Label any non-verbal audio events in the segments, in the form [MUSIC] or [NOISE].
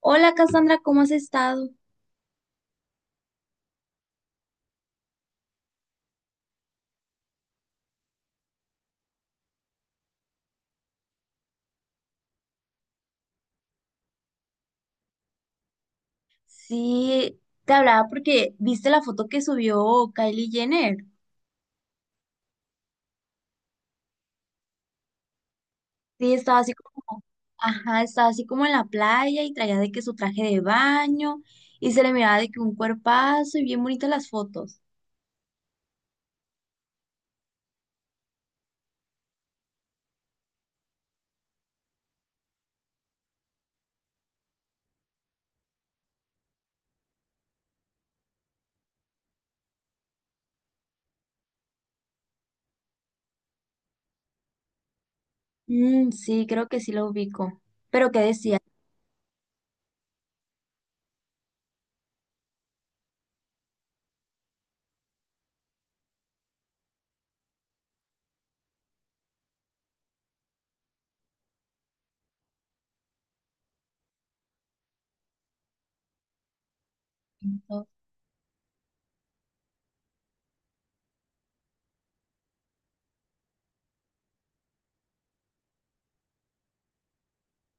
Hola Cassandra, ¿cómo has estado? Sí, te hablaba porque viste la foto que subió Kylie Jenner. Sí, estaba así como, ajá, estaba así como en la playa y traía de que su traje de baño y se le miraba de que un cuerpazo y bien bonitas las fotos. Mm, sí, creo que sí lo ubico. Pero ¿qué decían?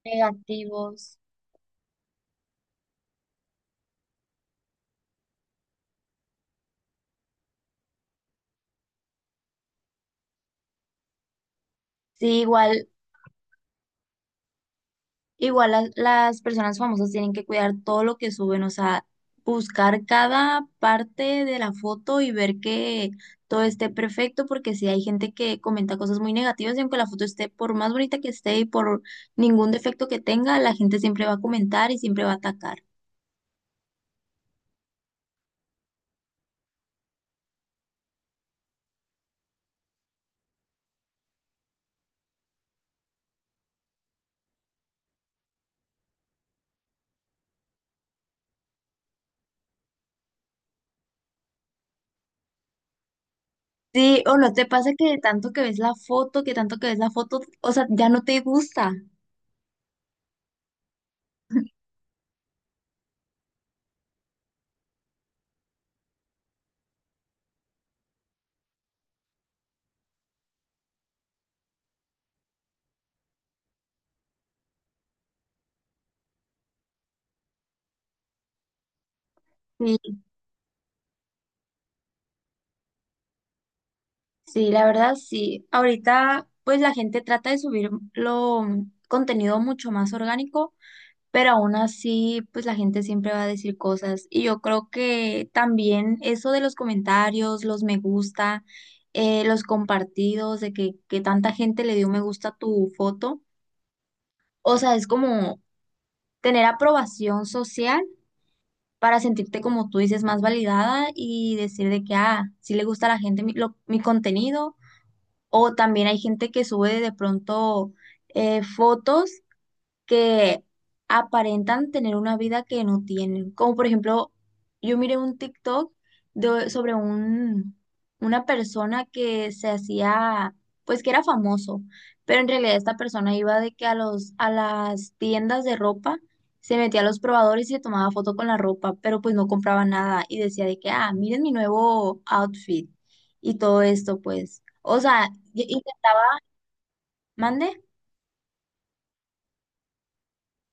Negativos. Sí, igual. Igual las personas famosas tienen que cuidar todo lo que suben, o sea, buscar cada parte de la foto y ver que todo esté perfecto, porque si hay gente que comenta cosas muy negativas y aunque la foto esté por más bonita que esté y por ningún defecto que tenga, la gente siempre va a comentar y siempre va a atacar. Sí, ¿o no te pasa que de tanto que ves la foto, que tanto que ves la foto, o sea, ya no te gusta? Sí, sí, la verdad sí. Ahorita pues la gente trata de subir lo contenido mucho más orgánico, pero aún así, pues la gente siempre va a decir cosas. Y yo creo que también eso de los comentarios, los me gusta, los compartidos, de que tanta gente le dio me gusta a tu foto, o sea, es como tener aprobación social para sentirte, como tú dices, más validada y decir de que, ah, sí le gusta a la gente mi, lo- mi contenido. O también hay gente que sube de pronto fotos que aparentan tener una vida que no tienen. Como por ejemplo, yo miré un TikTok de, sobre un, una persona que se hacía, pues que era famoso, pero en realidad esta persona iba de que a los, a las tiendas de ropa, se metía a los probadores y se tomaba foto con la ropa, pero pues no compraba nada y decía de que, ah, miren mi nuevo outfit y todo esto, pues. O sea, y- mande,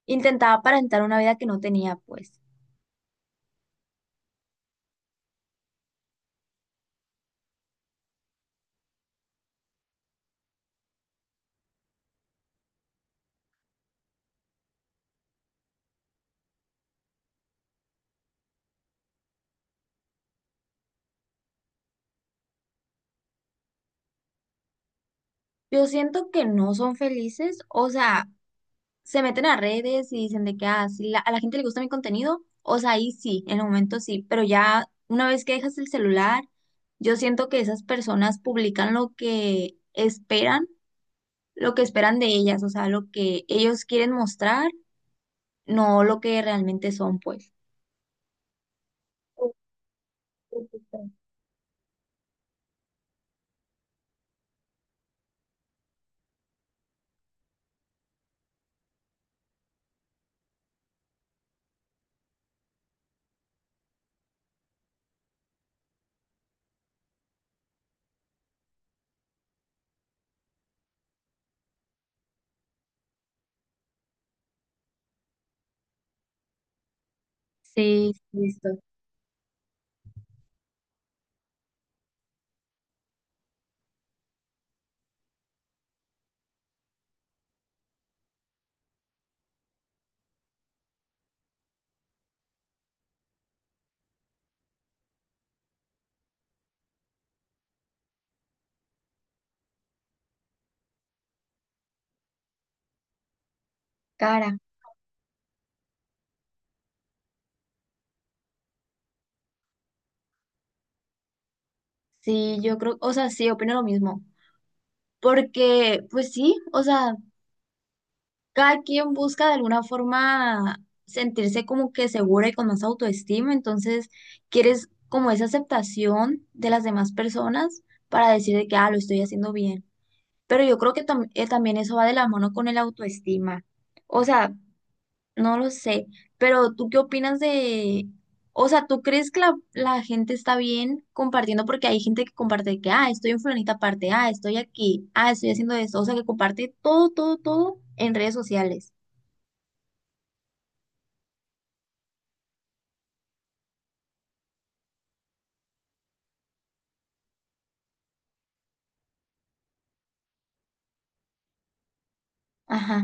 intentaba aparentar una vida que no tenía, pues. Yo siento que no son felices, o sea, se meten a redes y dicen de que ah, sí la- a la gente le gusta mi contenido, o sea, ahí sí, en el momento sí, pero ya una vez que dejas el celular, yo siento que esas personas publican lo que esperan de ellas, o sea, lo que ellos quieren mostrar, no lo que realmente son, pues. Sí, listo. Cara. Sí, yo creo, o sea, sí, opino lo mismo. Porque, pues sí, o sea, cada quien busca de alguna forma sentirse como que segura y con más autoestima, entonces quieres como esa aceptación de las demás personas para decir de que, ah, lo estoy haciendo bien. Pero yo creo que tam- también eso va de la mano con el autoestima. O sea, no lo sé, pero ¿tú qué opinas de... O sea, ¿tú crees que la gente está bien compartiendo? Porque hay gente que comparte que, ah, estoy en fulanita parte, ah, estoy aquí, ah, estoy haciendo esto. O sea, que comparte todo, todo, todo en redes sociales. Ajá,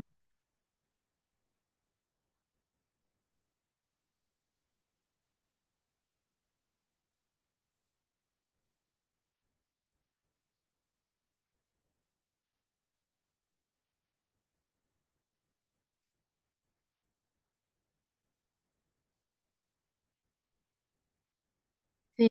sí,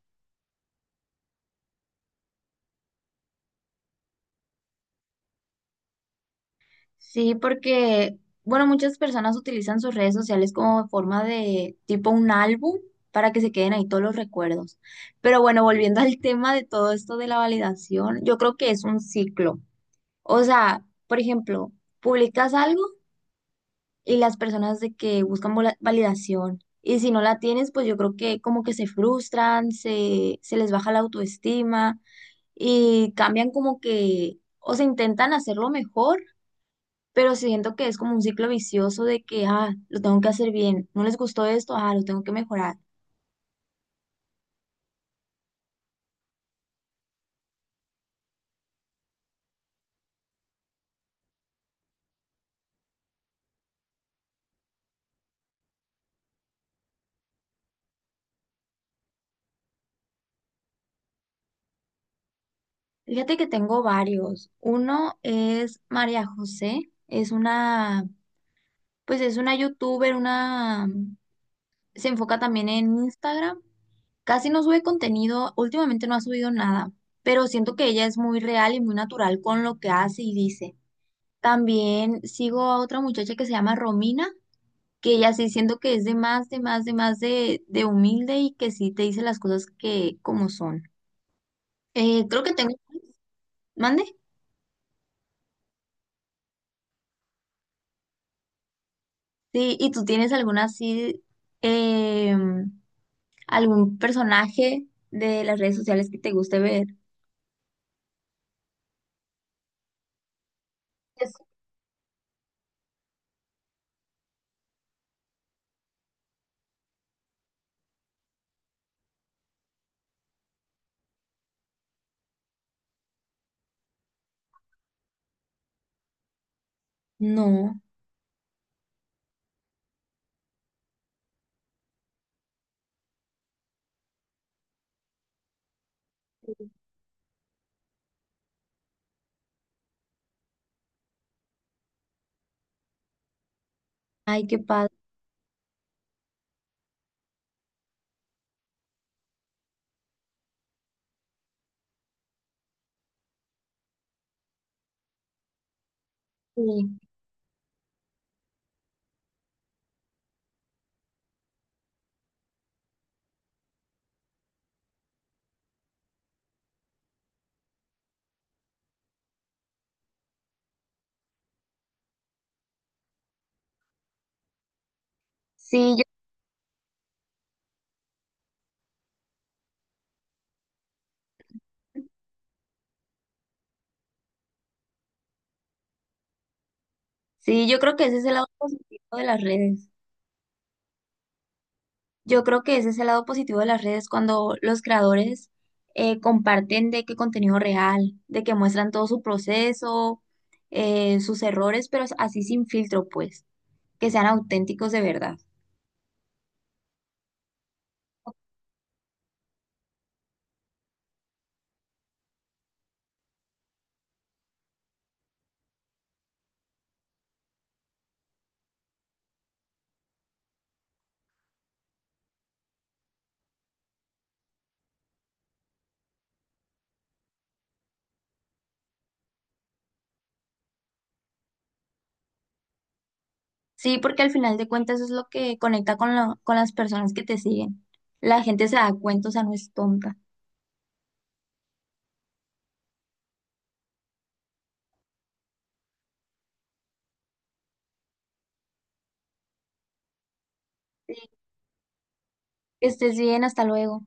sí, porque, bueno, muchas personas utilizan sus redes sociales como forma de tipo un álbum para que se queden ahí todos los recuerdos. Pero bueno, volviendo [LAUGHS] al tema de todo esto de la validación, yo creo que es un ciclo. O sea, por ejemplo, publicas algo y las personas de que buscan vola- validación y si no la tienes, pues yo creo que como que se frustran, se les baja la autoestima y cambian como que, o se intentan hacerlo mejor, pero siento que es como un ciclo vicioso de que, ah, lo tengo que hacer bien, no les gustó esto, ah, lo tengo que mejorar. Fíjate que tengo varios. Uno es María José, es una, pues es una youtuber, una, se enfoca también en Instagram. Casi no sube contenido, últimamente no ha subido nada, pero siento que ella es muy real y muy natural con lo que hace y dice. También sigo a otra muchacha que se llama Romina, que ella sí siento que es de más, de más, de humilde y que sí te dice las cosas que como son. Creo que tengo, mande. Sí, ¿y tú tienes alguna así, eh, algún personaje de las redes sociales que te guste ver? Pues, no, ay, qué padre. Sí, sí, yo, sí, yo creo que ese es el lado positivo de las redes. Yo creo que ese es el lado positivo de las redes cuando los creadores comparten de qué contenido real, de que muestran todo su proceso, sus errores, pero así sin filtro, pues, que sean auténticos de verdad. Sí, porque al final de cuentas eso es lo que conecta con, la- con las personas que te siguen. La gente se da cuenta, o sea, no es tonta. Sí, que estés bien, hasta luego.